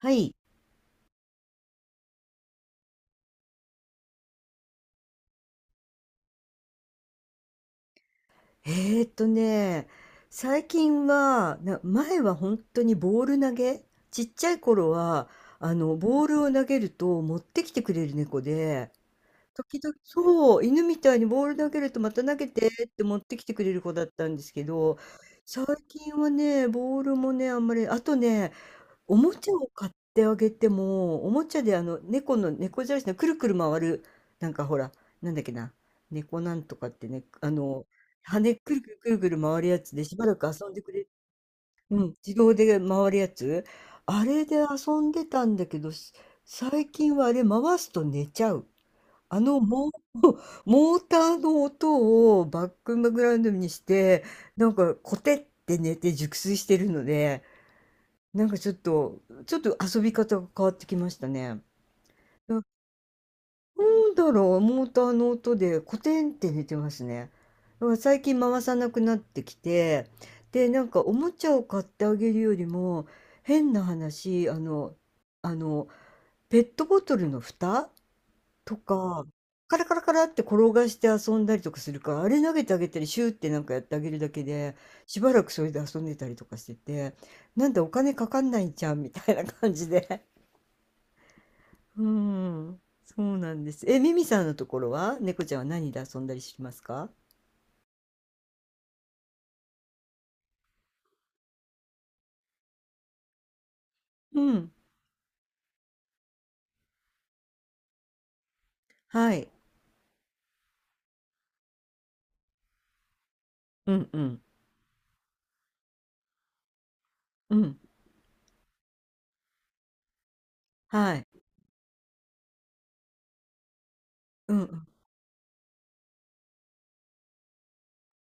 はい。えーっとね、最近は、前は本当にボール投げ、ちっちゃい頃は、ボールを投げると持ってきてくれる猫で、時々、そう、犬みたいにボール投げるとまた投げてって持ってきてくれる子だったんですけど、最近はね、ボールもね、あんまり、あとね、おもちゃを買ってあげても、おもちゃで猫の猫じゃらしのくるくる回る、なんかほら、なんだっけな、猫なんとかってね、羽くるくるくるくる回るやつでしばらく遊んでくれ、うん、自動で回るやつ、あれで遊んでたんだけど、最近はあれ回すと寝ちゃう。あのモー、モーターの音をバックグラウンドにして、なんかコテって寝て熟睡してるので、なんかちょっと、ちょっと遊び方が変わってきましたね。ななんだろう、モーターの音でコテンって寝てますね。だから最近回さなくなってきて、で、なんかおもちゃを買ってあげるよりも、変な話、あの、ペットボトルの蓋とか、カラカラカラって転がして遊んだりとかするから、あれ投げてあげたり、シューってなんかやってあげるだけで、しばらくそれで遊んでたりとかしてて、なんだお金かかんないじゃんみたいな感じで。うん。そうなんです。え、ミミさんのところは猫ちゃんは何で遊んだりしますか？うん。はい。うんうん。うん。はい。うんうん。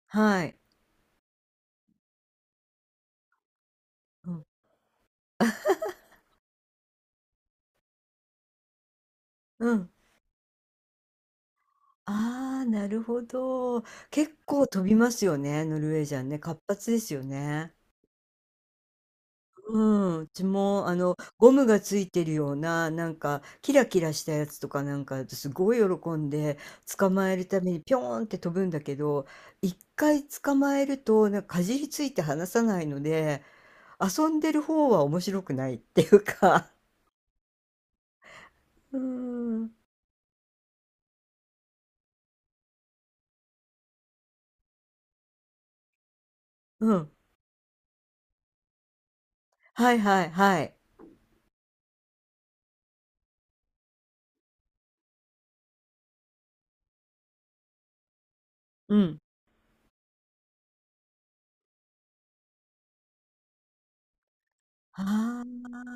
はい。うん。うん。ああ、なるほど。結構飛びますよね、ノルウェージャンね。活発ですよね。うん、うちもあのゴムがついてるようななんかキラキラしたやつとかなんかすごい喜んで捕まえるためにピョーンって飛ぶんだけど、一回捕まえるとなんかかじりついて離さないので、遊んでる方は面白くないっていうか、うん、うん、はいはいはい、うん、はあ。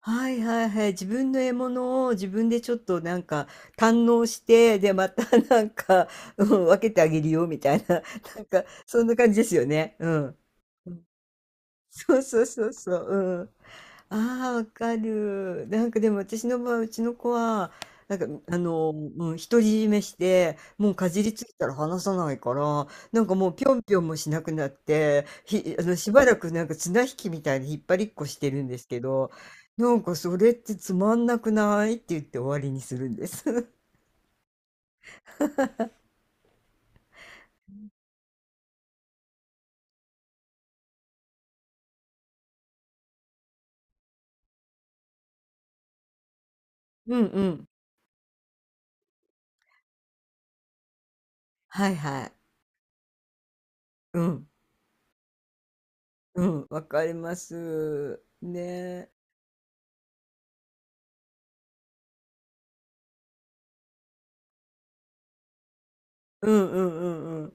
はいはいはい。自分の獲物を自分でちょっとなんか堪能して、で、また なんか、うん、分けてあげるよみたいな、なんか、そんな感じですよね。うん。うん。そうそうそうそう。うん。ああ、わかる。なんかでも私の場合、うちの子は、なんか、うん、独り占めして、もうかじりついたら離さないから、なんかもうぴょんぴょんもしなくなって、ひ、あの、しばらくなんか綱引きみたいに引っ張りっこしてるんですけど、なんかそれってつまんなくないって言って終わりにするんです。うんうん。はいはい。うん。うん。わかります。ね。うんうんうん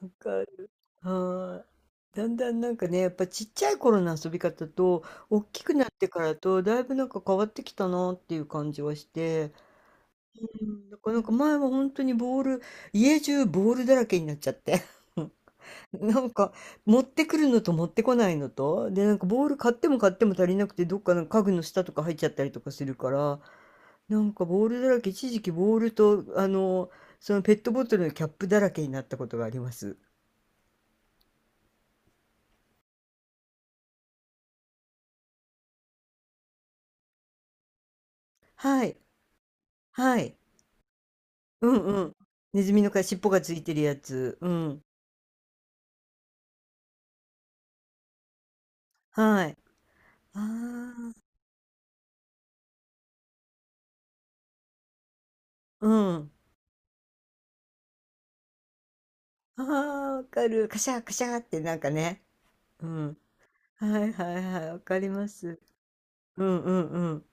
うん。わかる。はーい。だんだんなんかね、やっぱちっちゃい頃の遊び方と、大きくなってからと、だいぶなんか変わってきたなっていう感じはして、うん、だからなんか前は本当にボール、家中ボールだらけになっちゃって。なんか持ってくるのと持ってこないのと、で、なんかボール買っても買っても足りなくて、どっかの家具の下とか入っちゃったりとかするから、なんかボールだらけ、一時期ボールと、そのペットボトルのキャップだらけになったことがあります。はい、はい。うんうん。ネズミのか尻尾がついてるやつ。うん。はい。ああ、うん。ああ、わかる。カシャカシャってなんかね。うん。はいはいはい。わかります。うんうんうん。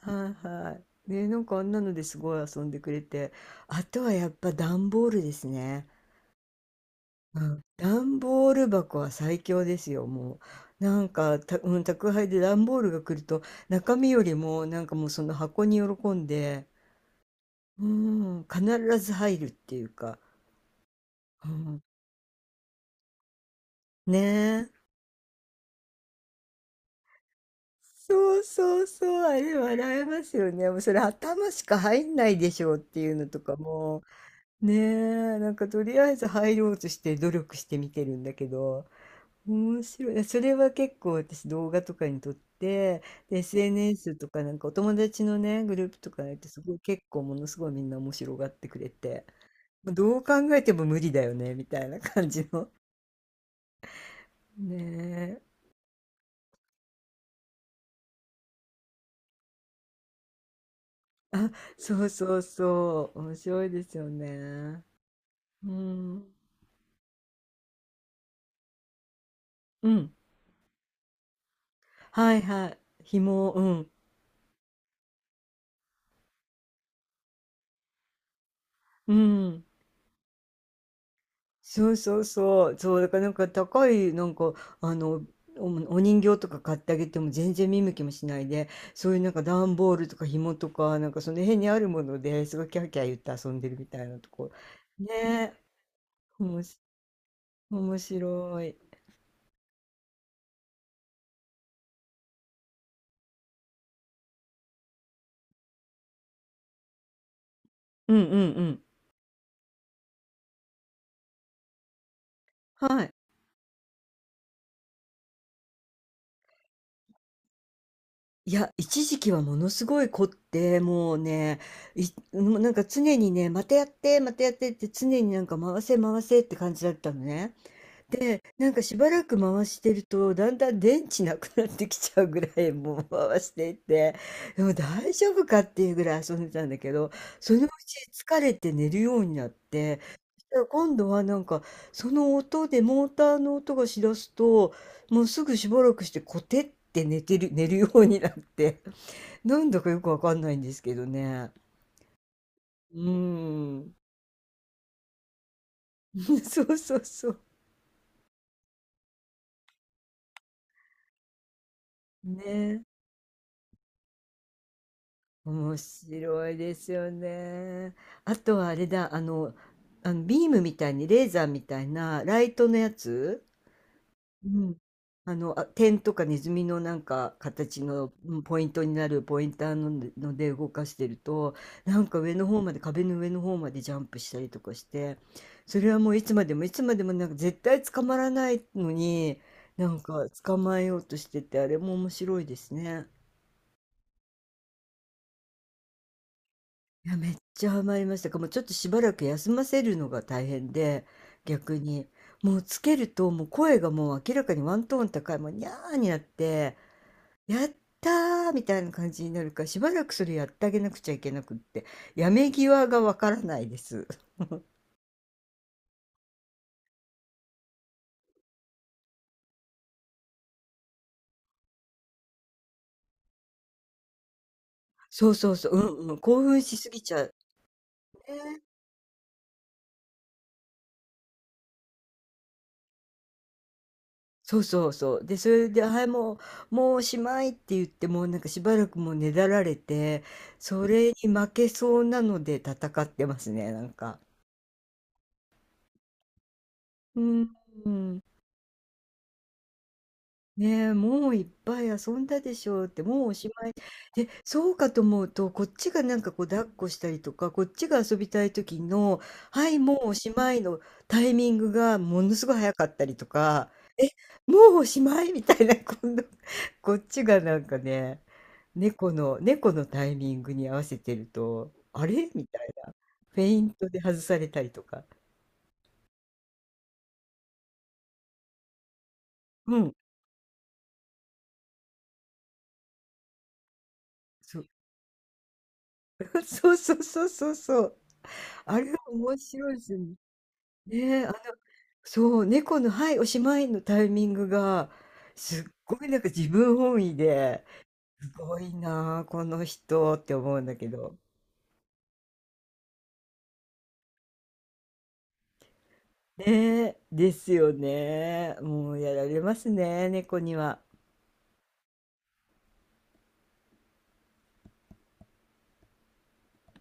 はいはい。ね、なんかあんなのですごい遊んでくれて。あとはやっぱ段ボールですね。うん。段ボール箱は最強ですよ、もう。うん、宅配で段ボールが来ると、中身よりも、なんかもうその箱に喜んで、うん、必ず入るっていうか、うん、ねえ。そうそうそう、あれ笑えますよね。もうそれ頭しか入んないでしょうっていうのとかも、ねえ、なんかとりあえず入ろうとして努力して見てるんだけど、面白い。それは結構私動画とかに撮って、で SNS とかなんかお友達のね、グループとかやってすごい結構ものすごいみんな面白がってくれて、どう考えても無理だよね、みたいな感じの。ね、そうそうそう。面白いですよね。うん。うん。はいはい。紐、うん。うん。そうそうそう。そう、だからなんか高い、あの、お、お人形とか買ってあげても全然見向きもしないで、そういうなんか段ボールとか紐とか、なんかその辺にあるものですごいキャーキャー言って遊んでるみたいなとこ。ねえ。おもし、面白い。うんうんうん。はい。いや、一時期はものすごい凝って、もうね、いもうなんか常にね、またやって、またやってって常になんか回せ回せって感じだったのね。なんかしばらく回してると、だんだん電池なくなってきちゃうぐらいもう回していって、でも大丈夫かっていうぐらい遊んでたんだけど、そのうち疲れて寝るようになって、そしたら今度はなんかその音でモーターの音がしだすと、もうすぐしばらくしてコテって寝てる、寝るようになって。なんだかよくわかんないんですけどね。うーん。そうそうそう。ね。面白いですよね。あとはあれだ、あのビームみたいにレーザーみたいなライトのやつ、うん。点とかネズミのなんか形のうんポイントになるポインターので、ので動かしてると、なんか上の方まで、壁の上の方までジャンプしたりとかして、それはもういつまでもいつまでもなんか絶対捕まらないのに、なんか捕まえようとしてて、あれも面白いですね。いや、めっちゃハマりましたか。もうちょっとしばらく休ませるのが大変で、逆に。もうつけると、もう声がもう明らかにワントーン高い、もうニャーになって、やったーみたいな感じになるから、しばらくそれやってあげなくちゃいけなくって、やめ際がわからないです。そうそうそう、うんうん、興奮しすぎちゃう。ね。そうそうそう。で、それで、はい、もうおしまいって言って、もうなんかしばらくもうねだられて、それに負けそうなので戦ってますね、なんか。うん、うん。ねえ、もういっぱい遊んだでしょうって、もうおしまい。で、そうかと思うと、こっちがなんかこう抱っこしたりとか、こっちが遊びたい時の、はい、もうおしまいのタイミングがものすごい早かったりとか、もうおしまいみたいな、今度、こっちがなんかね、猫のタイミングに合わせてると、あれみたいな。フェイントで外されたりとか。うん。そう、そう。あれ面白いですよね。ねえ、そう、猫の「はい、おしまい」のタイミングが、すっごいなんか自分本位で、すごいなあ、この人って思うんだけど。ねえ、ですよね。もうやられますね、猫には。